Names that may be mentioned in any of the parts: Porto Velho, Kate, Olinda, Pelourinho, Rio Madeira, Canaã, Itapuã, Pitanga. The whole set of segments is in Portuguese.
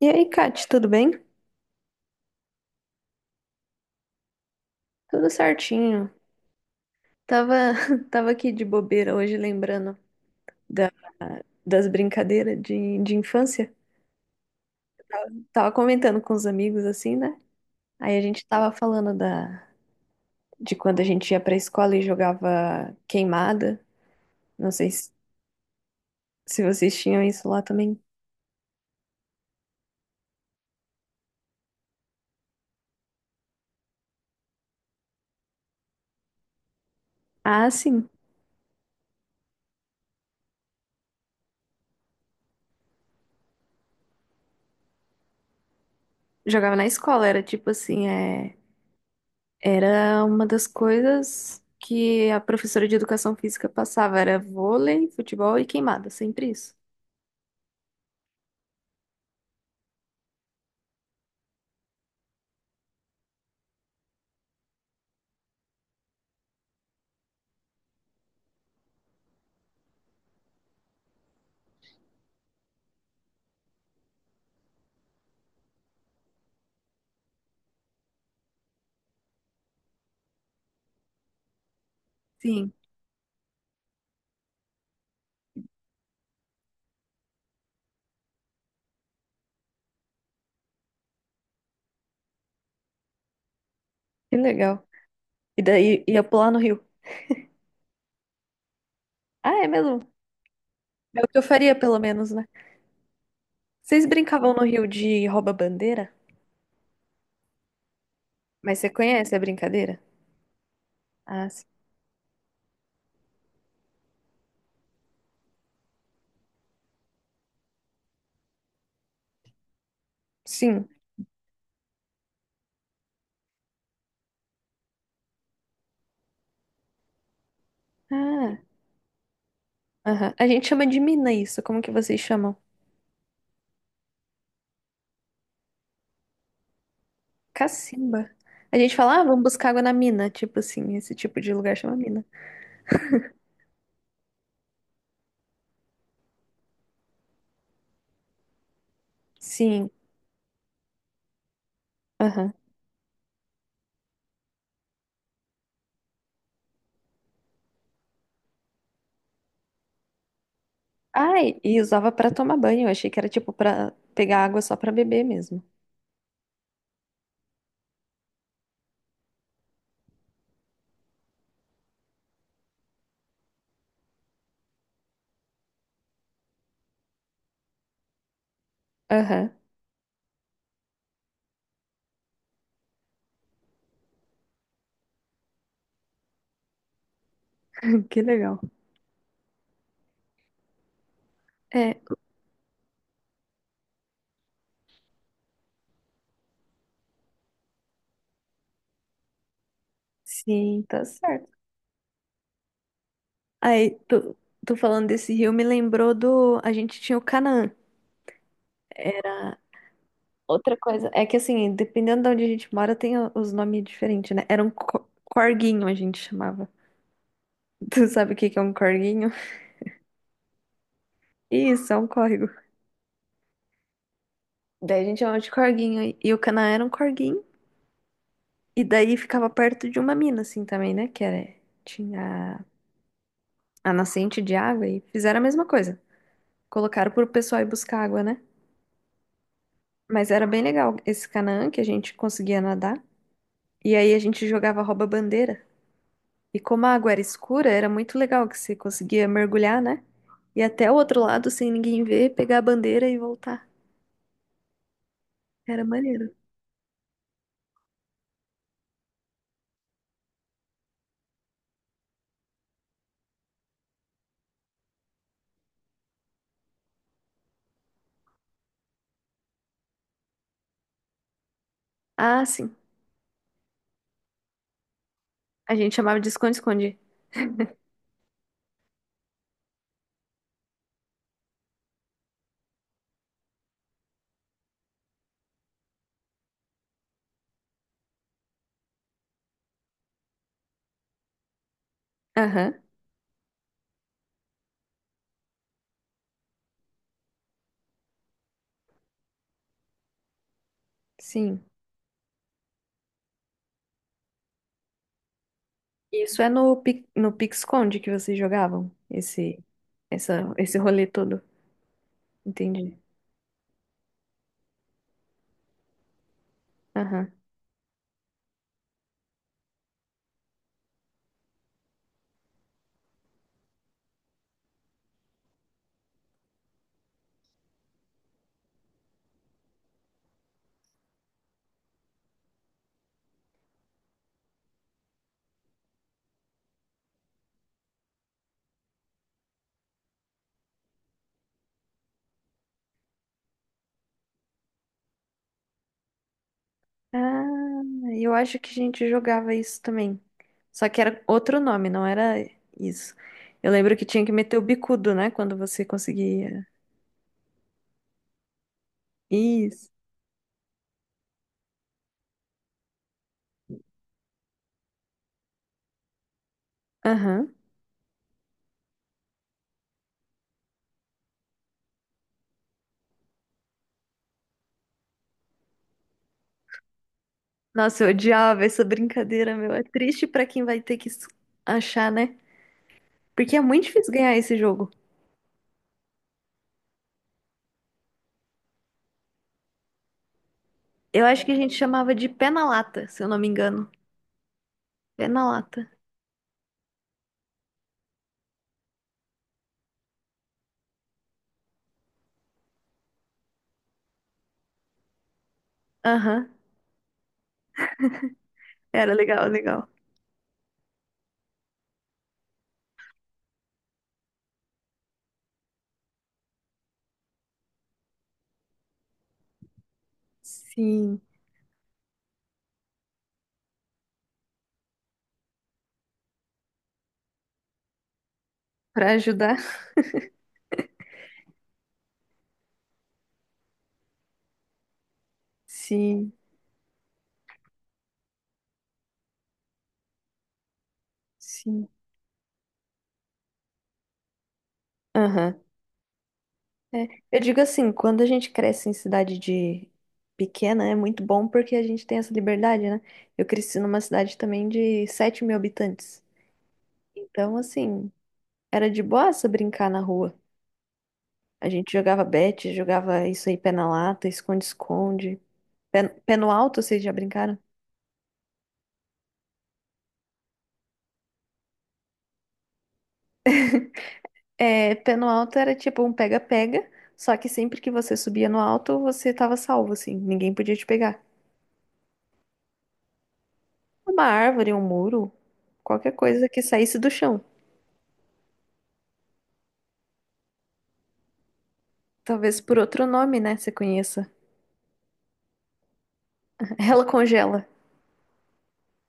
E aí, Kate, tudo bem? Tudo certinho. Tava, tava aqui de bobeira hoje, lembrando da- das brincadeiras de infância. Tava comentando com os amigos, assim, né? Aí a gente tava falando da, de quando a gente ia pra escola e jogava queimada. Não sei se vocês tinham isso lá também. Ah, sim. Jogava na escola, era tipo assim, é, era uma das coisas que a professora de educação física passava, era vôlei, futebol e queimada, sempre isso. Sim. Que legal. E daí ia pular no rio. Ah, é mesmo? É o que eu faria, pelo menos, né? Vocês brincavam no rio de rouba-bandeira? Mas você conhece a brincadeira? Ah, sim. Sim. Ah, aham. A gente chama de mina isso. Como que vocês chamam? Cacimba. A gente fala, ah, vamos buscar água na mina. Tipo assim, esse tipo de lugar chama mina. Sim. Aham. Ah, e usava pra tomar banho. Eu achei que era tipo pra pegar água só pra beber mesmo. Aham. Que legal. É. Sim, tá certo. Aí, tu falando desse rio me lembrou do. A gente tinha o Canaã. Era outra coisa. É que assim, dependendo de onde a gente mora, tem os nomes diferentes, né? Era um corguinho, a gente chamava. Tu sabe o que que é um corguinho? Isso, é um córrego. Daí a gente chamava de corguinho. E o Canaã era um corguinho. E daí ficava perto de uma mina, assim, também, né? Que era. Tinha a nascente de água e fizeram a mesma coisa. Colocaram pro pessoal ir buscar água, né? Mas era bem legal esse Canaã que a gente conseguia nadar. E aí a gente jogava rouba-bandeira. E como a água era escura, era muito legal que você conseguia mergulhar, né? E até o outro lado sem ninguém ver, pegar a bandeira e voltar. Era maneiro. Ah, sim. A gente chamava de esconde-esconde. Aham, sim. Isso é no, no pique-esconde que vocês jogavam, esse rolê todo. Entendi. Aham. Ah, eu acho que a gente jogava isso também. Só que era outro nome, não era isso. Eu lembro que tinha que meter o bicudo, né? Quando você conseguia. Isso. Aham. Nossa, eu odiava essa brincadeira, meu. É triste pra quem vai ter que achar, né? Porque é muito difícil ganhar esse jogo. Eu acho que a gente chamava de pé na lata, se eu não me engano. Pé na lata. Aham. Era legal, legal. Sim. Pra ajudar? Sim, sim. Aham. É, eu digo assim, quando a gente cresce em cidade de pequena, é muito bom porque a gente tem essa liberdade, né? Eu cresci numa cidade também de 7.000 habitantes. Então, assim, era de boaça brincar na rua. A gente jogava bete, jogava isso aí, pé na lata, esconde-esconde. Pé no alto, vocês já brincaram? É, pé no alto era tipo um pega-pega, só que sempre que você subia no alto, você tava salvo, assim, ninguém podia te pegar. Uma árvore, um muro, qualquer coisa que saísse do chão. Talvez por outro nome, né? Você conheça. Ela congela.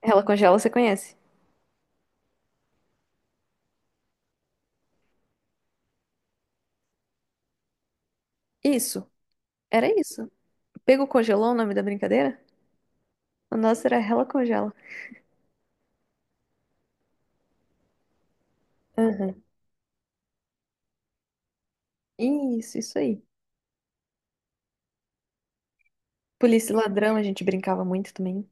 Ela congela, você conhece. Isso. Era isso. Pego congelou o nome da brincadeira? O nosso era ela congela. Aham. Isso aí. Polícia e ladrão, a gente brincava muito também.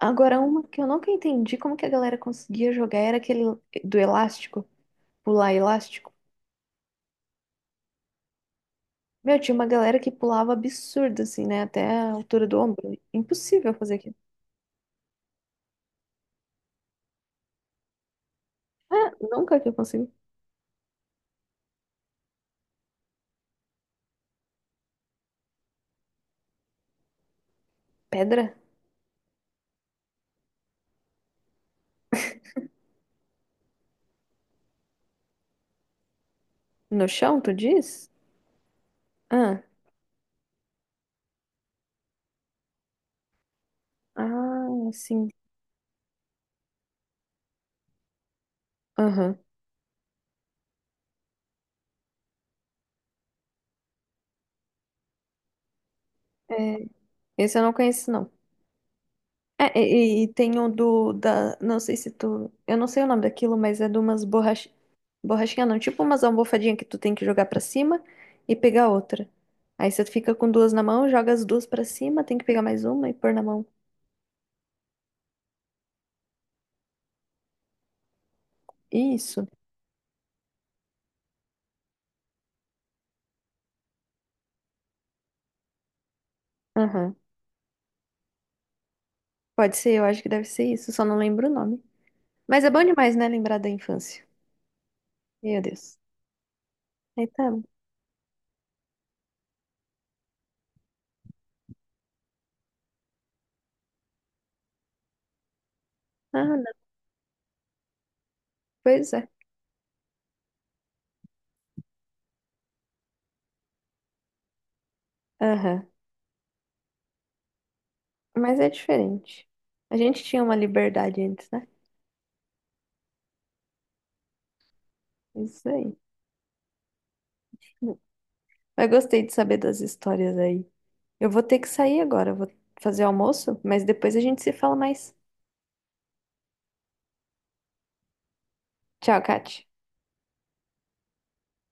Agora, uma que eu nunca entendi como que a galera conseguia jogar era aquele do elástico, pular elástico. Meu, tinha uma galera que pulava absurdo, assim, né? Até a altura do ombro. Impossível fazer aquilo. Ah, nunca que eu consegui. Pedra? No chão, tu diz? Ah. Ah, sim. Aham. É, esse eu não conheço, não. É, e tem o não sei se tu, eu não sei o nome daquilo, mas é de umas borrachinha não, tipo umas almofadinhas que tu tem que jogar pra cima e pegar outra. Aí você fica com duas na mão, joga as duas pra cima, tem que pegar mais uma e pôr na mão. Isso. Aham. Pode ser, eu acho que deve ser isso, só não lembro o nome. Mas é bom demais, né, lembrar da infância. Meu Deus. Aí tá. Ah, não, pois é. Aham. Mas é diferente. A gente tinha uma liberdade antes, né? Isso aí. Mas gostei de saber das histórias aí. Eu vou ter que sair agora, eu vou fazer almoço, mas depois a gente se fala mais. Tchau, Kati.